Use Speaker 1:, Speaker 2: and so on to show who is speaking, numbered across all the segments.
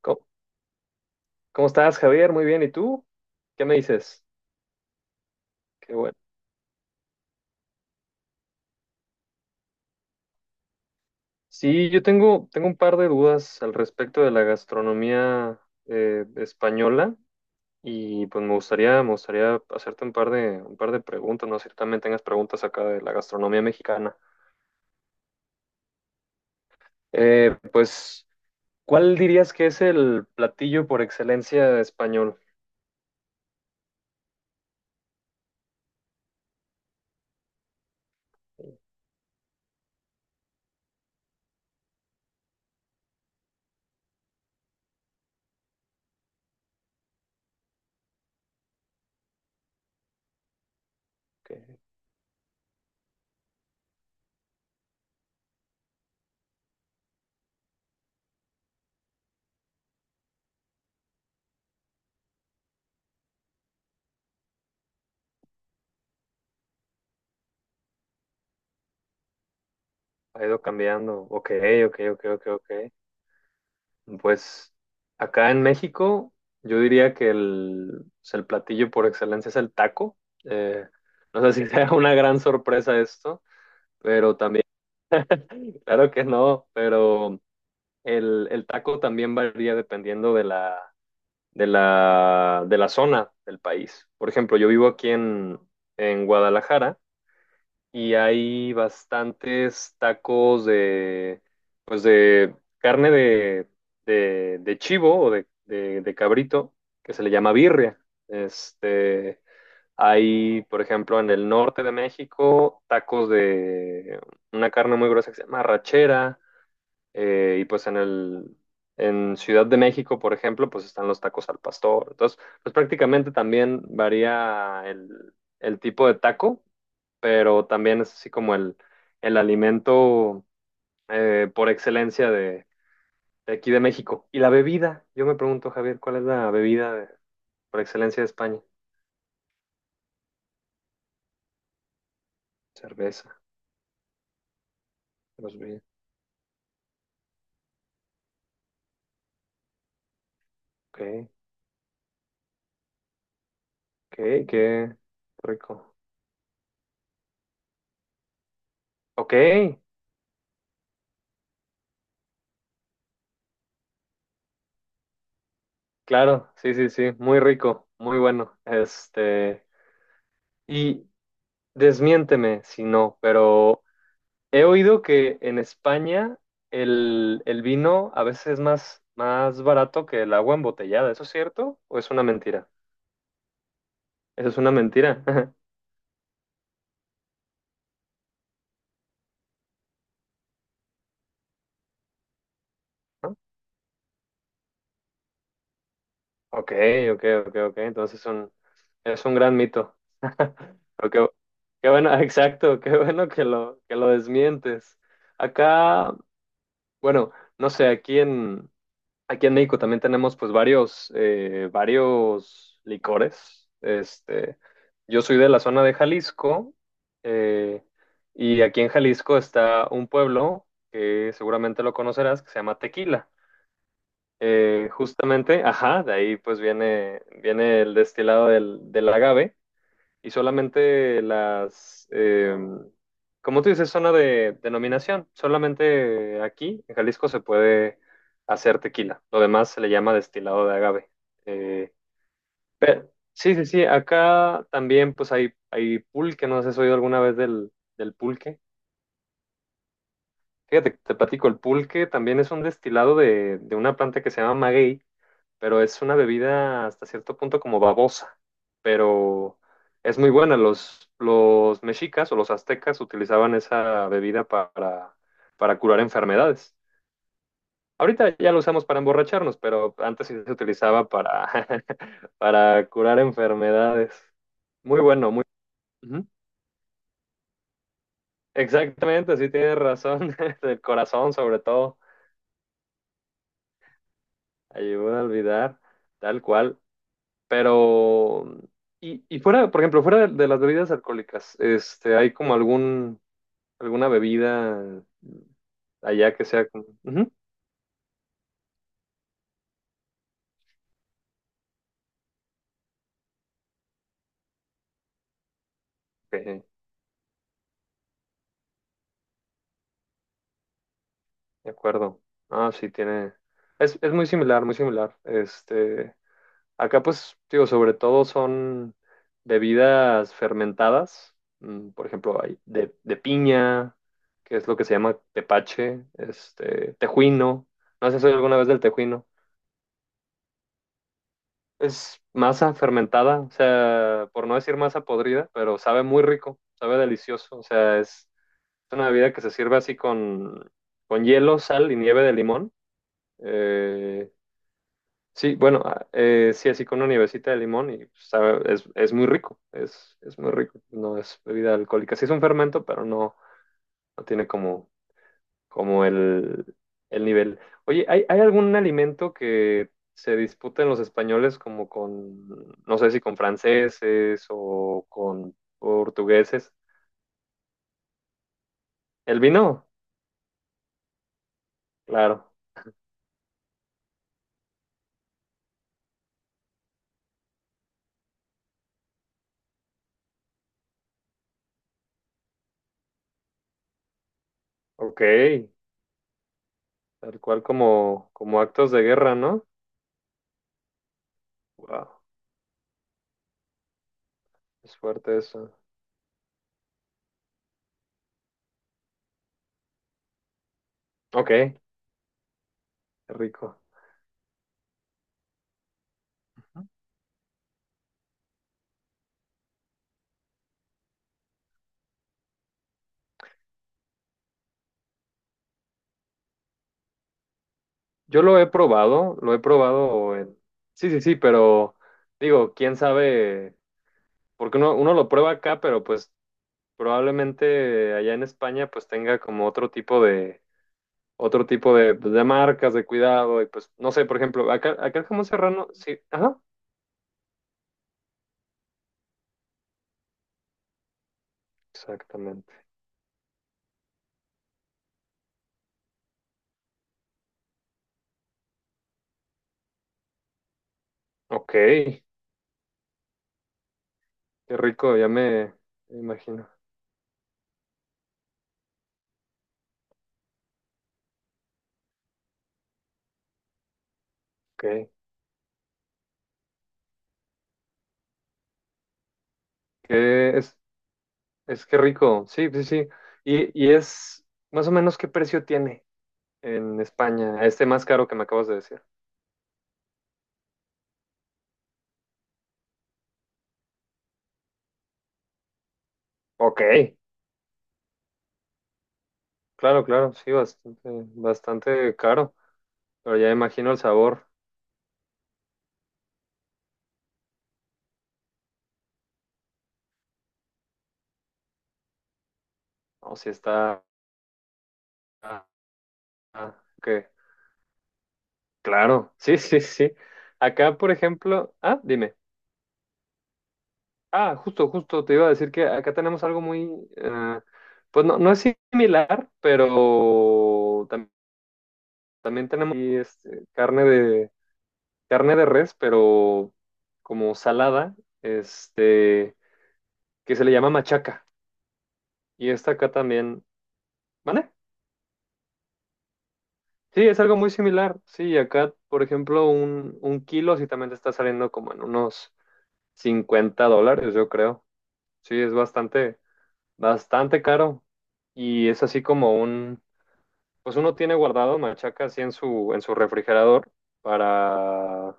Speaker 1: ¿Cómo, cómo estás, Javier? Muy bien. ¿Y tú? ¿Qué me dices? Qué bueno. Sí, yo tengo un par de dudas al respecto de la gastronomía española y pues me gustaría hacerte un par de preguntas, no sé si también tengas preguntas acá de la gastronomía mexicana. Pues, ¿cuál dirías que es el platillo por excelencia español? Que ha ido cambiando. Ok, ok, ok, ok, ok. Pues acá en México, yo diría que pues, el platillo por excelencia es el taco. Eh, no sé si sea una gran sorpresa esto, pero también, claro que no, pero el taco también varía dependiendo de la zona del país. Por ejemplo, yo vivo aquí en Guadalajara y hay bastantes tacos pues de carne de chivo o de cabrito, que se le llama birria. Este, Hay, por ejemplo, en el norte de México, tacos de una carne muy gruesa que se llama rachera, y pues en Ciudad de México, por ejemplo, pues están los tacos al pastor. Entonces, pues prácticamente también varía el tipo de taco, pero también es así como el alimento por excelencia de aquí de México. Y la bebida, yo me pregunto, Javier, ¿cuál es la bebida por excelencia de España? Cerveza, los vi. Ok, ok, qué rico. Ok, claro, sí, sí, sí, muy rico, muy bueno. Y desmiénteme si no, pero he oído que en España el vino a veces es más barato que el agua embotellada. ¿Eso es cierto o es una mentira? Eso es una mentira. ¿No? Ok, ok, ok, ok. Entonces es un gran mito. Pero qué bueno, exacto, qué bueno que lo desmientes. Acá, bueno, no sé, aquí en México también tenemos pues varios licores. Yo soy de la zona de Jalisco, eh, y aquí en Jalisco está un pueblo que seguramente lo conocerás que se llama Tequila. Justamente, ajá, de ahí pues viene el destilado del agave y solamente como tú dices, zona de denominación. Solamente aquí, en Jalisco, se puede hacer tequila. Lo demás se le llama destilado de agave. Eh, sí, sí, sí. Acá también, pues hay pulque. No sé si has oído alguna vez del pulque. Fíjate, te platico, el pulque también es un destilado de una planta que se llama maguey, pero es una bebida hasta cierto punto como babosa, pero es muy buena. Los mexicas o los aztecas utilizaban esa bebida para curar enfermedades. Ahorita ya lo usamos para emborracharnos, pero antes sí se utilizaba para, para curar enfermedades. Muy bueno, muy... Ujú. Exactamente, sí tienes razón. El corazón sobre todo ayuda a olvidar, tal cual. Pero, y fuera, por ejemplo, fuera de las bebidas alcohólicas, ¿hay como alguna bebida allá que sea como... Ujú, ok, de acuerdo. Ah, sí, tiene... Es muy similar, muy similar. Acá pues, digo, sobre todo son bebidas fermentadas. Por ejemplo, hay de piña, que es lo que se llama tepache, tejuino. No sé si has oído alguna vez del tejuino. Es masa fermentada, o sea, por no decir masa podrida, pero sabe muy rico, sabe delicioso. O sea, es una bebida que se sirve así con hielo, sal y nieve de limón. Eh, sí, bueno, sí, así con una nievecita de limón y sabe, es muy rico, es muy rico. No es bebida alcohólica. Sí es un fermento, pero no tiene como como el nivel. Oye, ¿hay algún alimento que se disputen los españoles como no sé si con franceses o con portugueses? ¿El vino? Claro, ok, tal cual como actos de guerra, ¿no? Wow, es fuerte eso. Ok, qué rico. Yo lo he probado en... Sí, sí, sí, pero digo, quién sabe, porque uno lo prueba acá, pero pues probablemente allá en España pues tenga como otro tipo de, pues, de marcas de cuidado y pues, no sé, por ejemplo, acá el jamón serrano, sí, ajá, exactamente. Ok, qué rico, ya me imagino. Ok, que es, es que rico, sí, sí, sí. Y es más o menos qué precio tiene en España, este más caro que me acabas de decir. Ok, claro, claro, sí, bastante, bastante caro, pero ya imagino el sabor, o si está... Ah, ok, claro, sí, sí, sí. Acá, por ejemplo, dime. Ah, justo, justo, te iba a decir que acá tenemos algo eh, pues no es similar, pero también tenemos y, carne de res, pero como salada, este, que se le llama machaca. Y esta acá también, ¿vale? Sí, es algo muy similar. Sí, acá, por ejemplo, un kilo sí también te está saliendo como en unos 50 dólares, yo creo. Sí, es bastante, bastante caro. Y es así como pues uno tiene guardado machaca así en en su refrigerador para,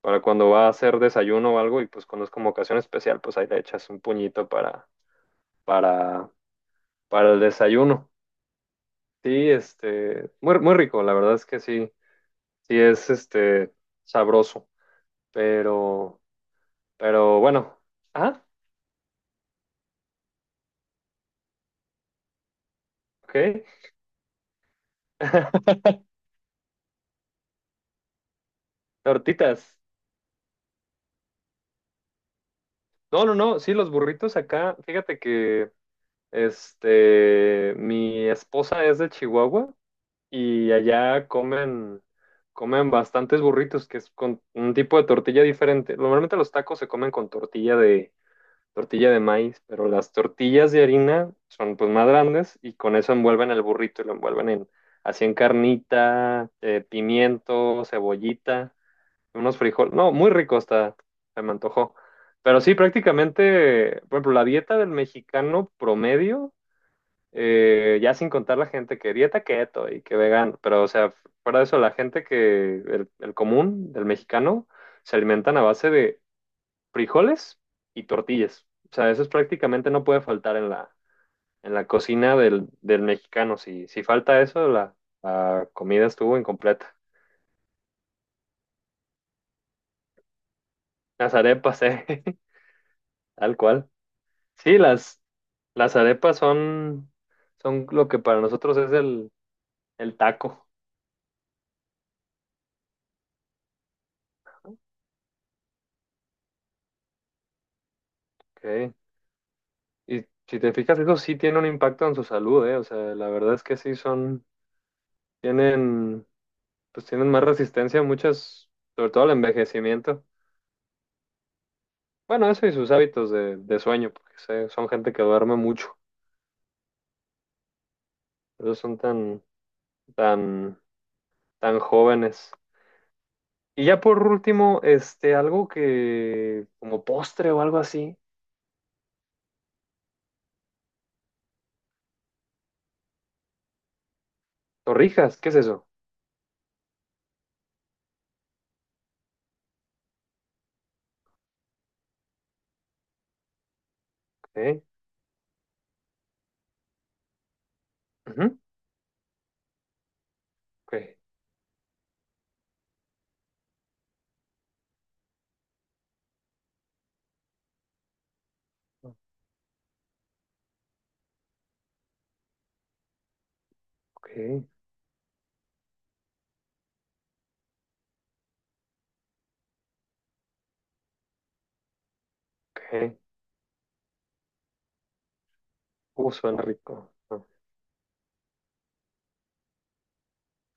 Speaker 1: para cuando va a hacer desayuno o algo, y pues cuando es como ocasión especial, pues ahí le echas un puñito para, para el desayuno. Sí, muy, muy rico, la verdad es que sí, sí es este sabroso. Pero, pero bueno, ah, ok. Tortitas. No, no, no, sí, los burritos acá, fíjate que mi esposa es de Chihuahua y allá comen bastantes burritos, que es con un tipo de tortilla diferente. Normalmente los tacos se comen con tortilla de maíz, pero las tortillas de harina son pues más grandes y con eso envuelven el burrito y lo envuelven así en carnita, pimiento, cebollita unos frijoles. No, muy rico está, se me antojó. Pero sí, prácticamente, por ejemplo, la dieta del mexicano promedio, ya sin contar la gente que dieta keto y que vegano, pero o sea, fuera de eso, el común, del mexicano, se alimentan a base de frijoles y tortillas. O sea, eso es prácticamente no puede faltar en la cocina del mexicano. Si falta eso, la comida estuvo incompleta. Las arepas, tal cual. Sí, las arepas son lo que para nosotros es el taco. ¿Ok? Y si te fijas, eso sí tiene un impacto en su salud, ¿eh? O sea, la verdad es que sí son, tienen, pues tienen más resistencia a muchas, sobre todo al envejecimiento. Bueno, eso y sus hábitos de sueño, porque son gente que duerme mucho. Esos son tan, tan, tan jóvenes. Y ya por último, algo como postre o algo así, torrijas, ¿qué es eso? ¿Ok? Ujú, Ok, ok, ok. Suena rico.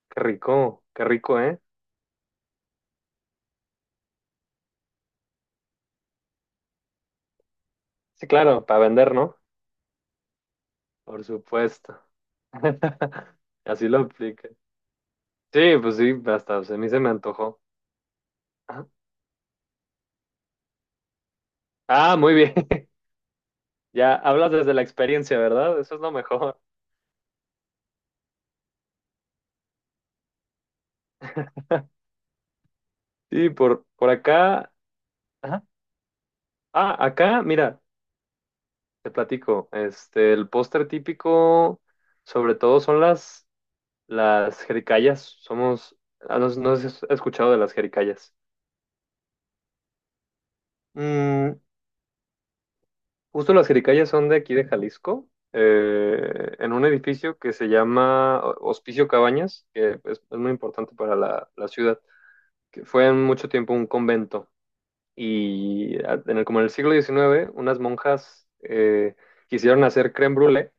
Speaker 1: Qué rico, qué rico, ¿eh? Sí, claro, para vender, ¿no? Por supuesto. Así lo aplica. Sí, pues sí, hasta pues, a mí se me antojó. Ah, Muy bien. Ya hablas desde la experiencia, ¿verdad? Eso es lo mejor. Sí, por acá. Ajá. Acá, mira, te platico. El póster típico, sobre todo son las jericayas somos. No, no sé si has escuchado de las jericayas. Mm, justo las jericayas son de aquí de Jalisco, en un edificio que se llama Hospicio Cabañas, que es muy importante para la ciudad, que fue en mucho tiempo un convento. Y como en el siglo XIX unas monjas quisieron hacer crème brûlée,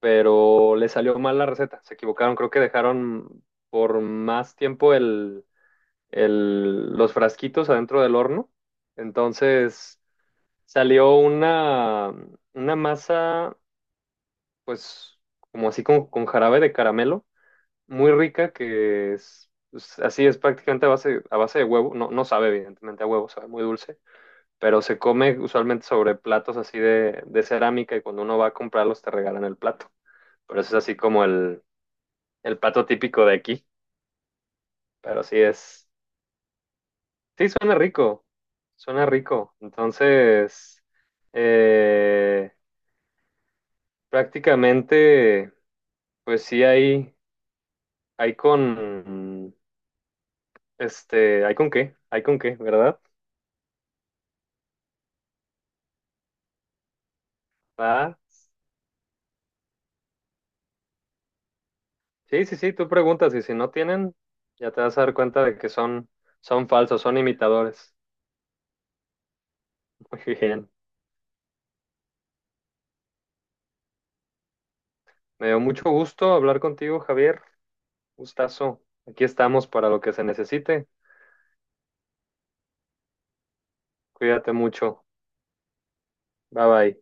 Speaker 1: pero les salió mal la receta. Se equivocaron, creo que dejaron por más tiempo los frasquitos adentro del horno. Entonces salió una masa, pues como así como con jarabe de caramelo, muy rica que es, pues, así es prácticamente a base de huevo. No, no sabe evidentemente a huevo, sabe muy dulce, pero se come usualmente sobre platos así de cerámica y cuando uno va a comprarlos te regalan el plato. Pero eso es así como el plato típico de aquí, pero sí es. Sí, suena rico, suena rico. Entonces, eh, prácticamente, pues sí hay hay con qué, ¿verdad? Ah, sí, sí, sí, tú preguntas y si no tienen, ya te vas a dar cuenta de que son falsos, son imitadores. Muy bien. Me dio mucho gusto hablar contigo, Javier. Gustazo. Aquí estamos para lo que se necesite. Cuídate mucho. Bye bye.